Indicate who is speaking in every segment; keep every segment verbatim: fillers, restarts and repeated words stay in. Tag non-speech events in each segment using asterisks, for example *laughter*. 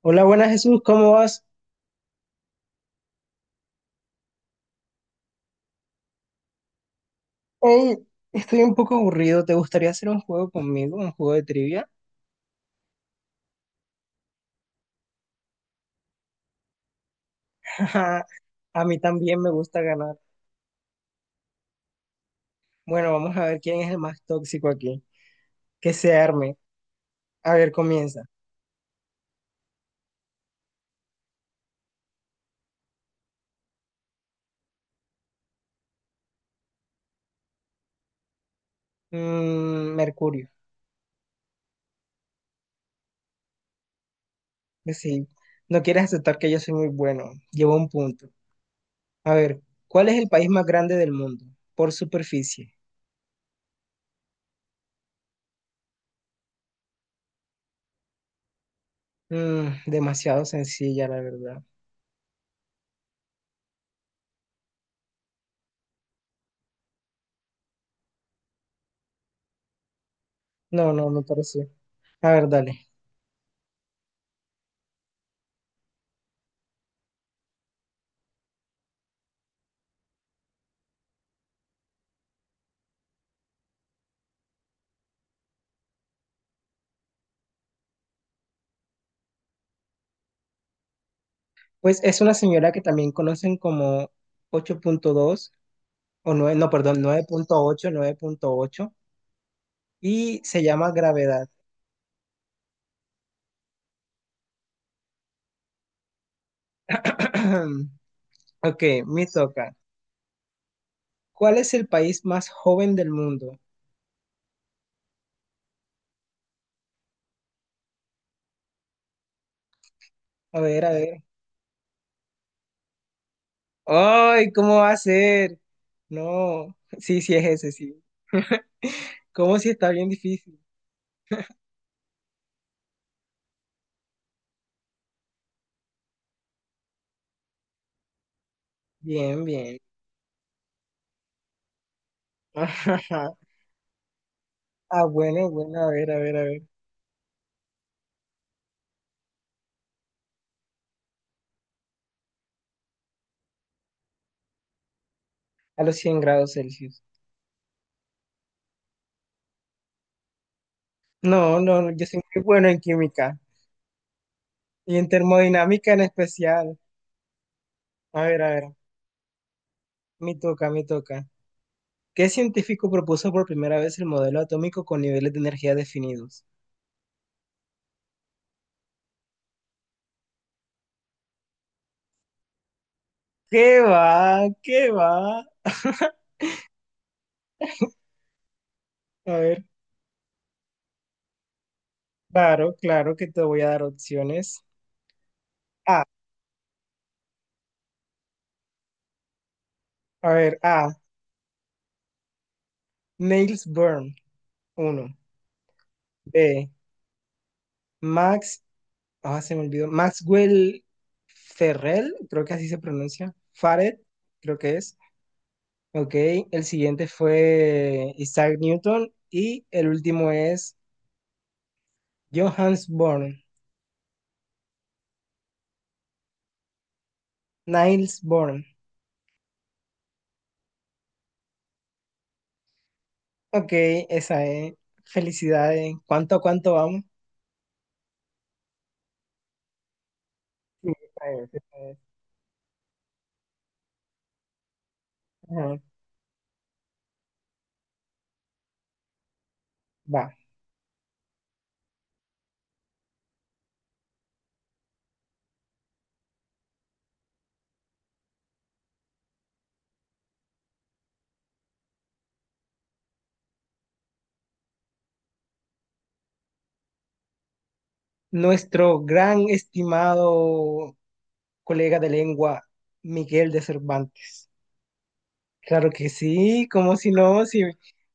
Speaker 1: Hola, buenas Jesús, ¿cómo vas? Hey, estoy un poco aburrido, ¿te gustaría hacer un juego conmigo, un juego de trivia? *laughs* Ajá. A mí también me gusta ganar. Bueno, vamos a ver quién es el más tóxico aquí. Que se arme. A ver, comienza. Mm, Mercurio, que sí. No quieres aceptar que yo soy muy bueno. Llevo un punto. A ver, ¿cuál es el país más grande del mundo? Por superficie. Mm, demasiado sencilla, la verdad. No, no, me pareció. A ver, dale. Pues es una señora que también conocen como ocho punto dos o nueve no, perdón, nueve nueve punto ocho nueve punto ocho y se llama gravedad. *clears throat* Ok, me toca. ¿Cuál es el país más joven del mundo? A ver, a ver. ¡Ay, cómo va a ser! No, *laughs* sí, sí es ese, sí. ¿Cómo si está bien difícil? Bien, bien. *laughs* Ah, bueno, bueno, a ver, a ver, a ver. A los cien grados Celsius. No, no, no, yo soy muy bueno en química y en termodinámica en especial. A ver, a ver, me toca, me toca. ¿Qué científico propuso por primera vez el modelo atómico con niveles de energía definidos? ¿Qué va? ¿Qué va? A ver, claro, claro que te voy a dar opciones. A, a ver, A, Niels Bohr, uno. B, Max, ah, se me olvidó, Maxwell Ferrell, creo que así se pronuncia. Farad, creo que es. Ok, el siguiente fue Isaac Newton y el último es Johannes Born. Niles Born. Ok, esa es. Felicidades. ¿Cuánto a cuánto vamos? Sí, esa es, esa es. Ajá. Va. Nuestro gran estimado colega de lengua, Miguel de Cervantes. Claro que sí, como si no, si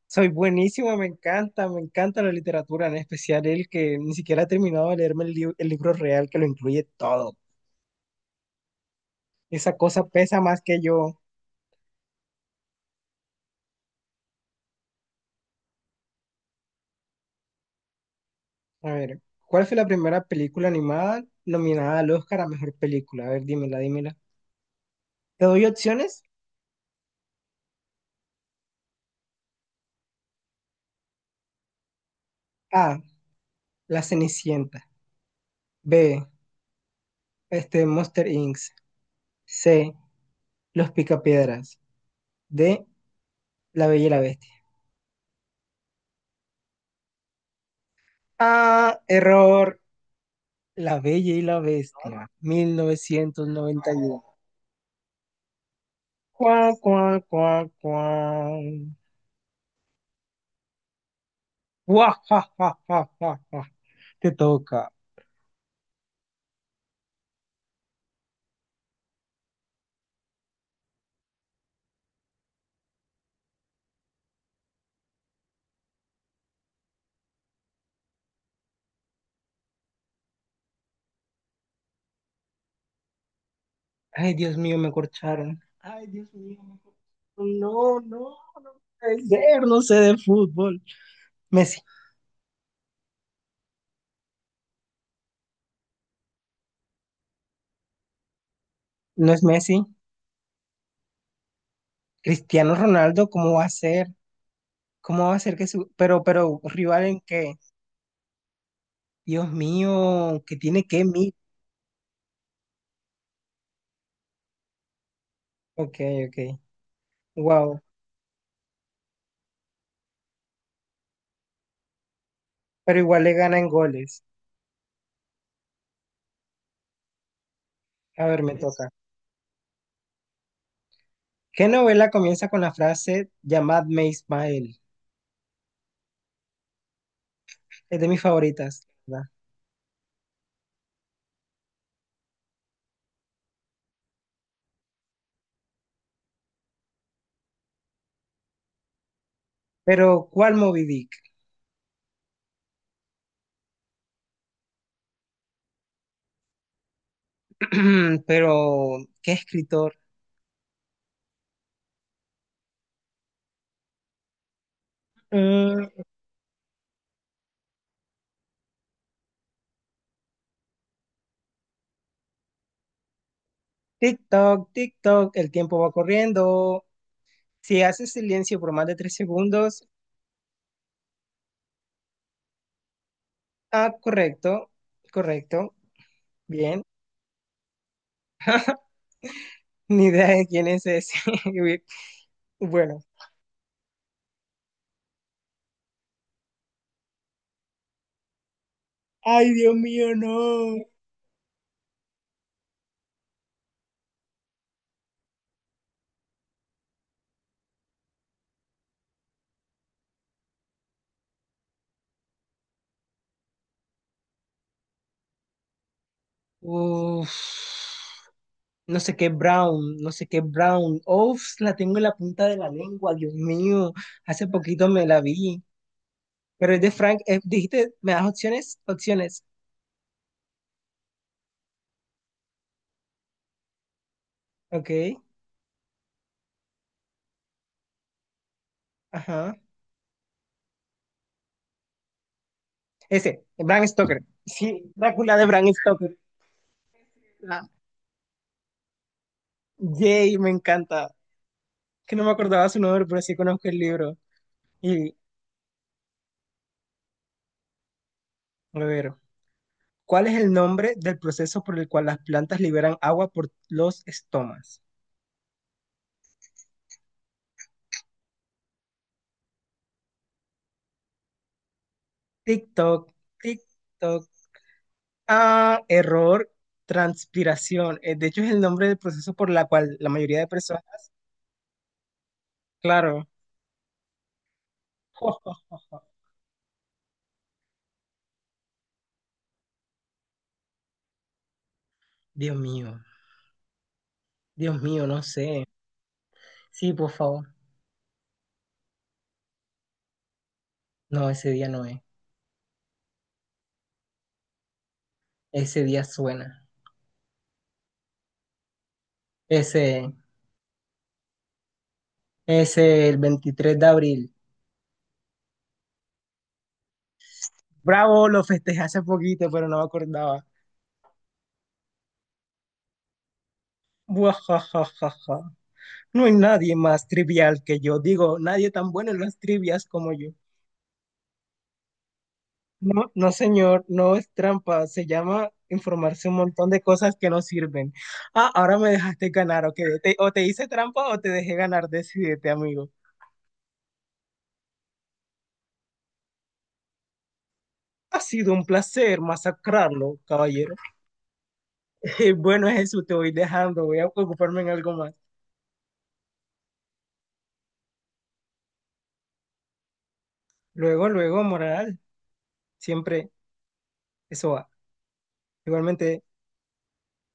Speaker 1: soy buenísimo, me encanta, me encanta la literatura, en especial el que ni siquiera ha terminado de leerme el, lib- el libro real que lo incluye todo. Esa cosa pesa más que yo. A ver, ¿cuál fue la primera película animada nominada al Oscar a mejor película? A ver, dímela, dímela. Te doy opciones. A. La Cenicienta. B. Este, Monster inc. C. Los Picapiedras. D. La Bella y la Bestia. Ah, error. La Bella y la Bestia. mil novecientos noventa y uno. Cuá, cuá, cuá, cuá. Guau, ja, ja, ja, ja, ja. Te toca. Ay, Dios mío, me corcharon. Ay, Dios mío, me corcharon. No, no, puede ser, no sé de fútbol. Messi, no es Messi. Cristiano Ronaldo, ¿cómo va a ser? ¿Cómo va a ser que su... Pero, pero, rival en qué? Dios mío, que tiene que mí. Ok, ok. Wow. Pero igual le gana en goles. A ver, me toca. ¿Qué novela comienza con la frase llamadme Ismael? Es de mis favoritas, ¿verdad? Pero, ¿cuál Moby Dick? *clears throat* Pero, ¿qué escritor? Mm, TikTok, TikTok, el tiempo va corriendo. Si haces silencio por más de tres segundos, ah, correcto, correcto, bien. *laughs* Ni idea de quién es ese. *laughs* Bueno, ay, Dios mío, no. Uf, no sé qué Brown, no sé qué Brown. Uf, la tengo en la punta de la lengua, Dios mío. Hace poquito me la vi. Pero es de Frank, eh, dijiste, ¿me das opciones? Opciones. Ok, ajá. Ese, Bram Stoker. Sí, Drácula de Bram Stoker. Ah, Jay, me encanta. Que no me acordaba su nombre, pero sí conozco el libro. Y, a ver, ¿cuál es el nombre del proceso por el cual las plantas liberan agua por los estomas? Tic-toc, tic-toc. Ah, error, transpiración. Eh, de hecho, es el nombre del proceso por la cual la mayoría de personas, claro. *laughs* Dios mío, Dios mío, no sé. Sí, por favor. No, ese día no es. Ese día suena. Ese, ese el veintitrés de abril. Bravo, lo festejé hace poquito, pero no me acordaba. Buajajajaja. No hay nadie más trivial que yo. Digo, nadie tan bueno en las trivias como yo. No, no, señor, no es trampa. Se llama informarse un montón de cosas que no sirven. Ah, ahora me dejaste ganar, ok. Te- o te hice trampa o te dejé ganar. Decídete, amigo. Ha sido un placer masacrarlo, caballero. *laughs* Bueno, Jesús, te voy dejando. Voy a ocuparme en algo más. Luego, luego, moral. Siempre eso va. Igualmente.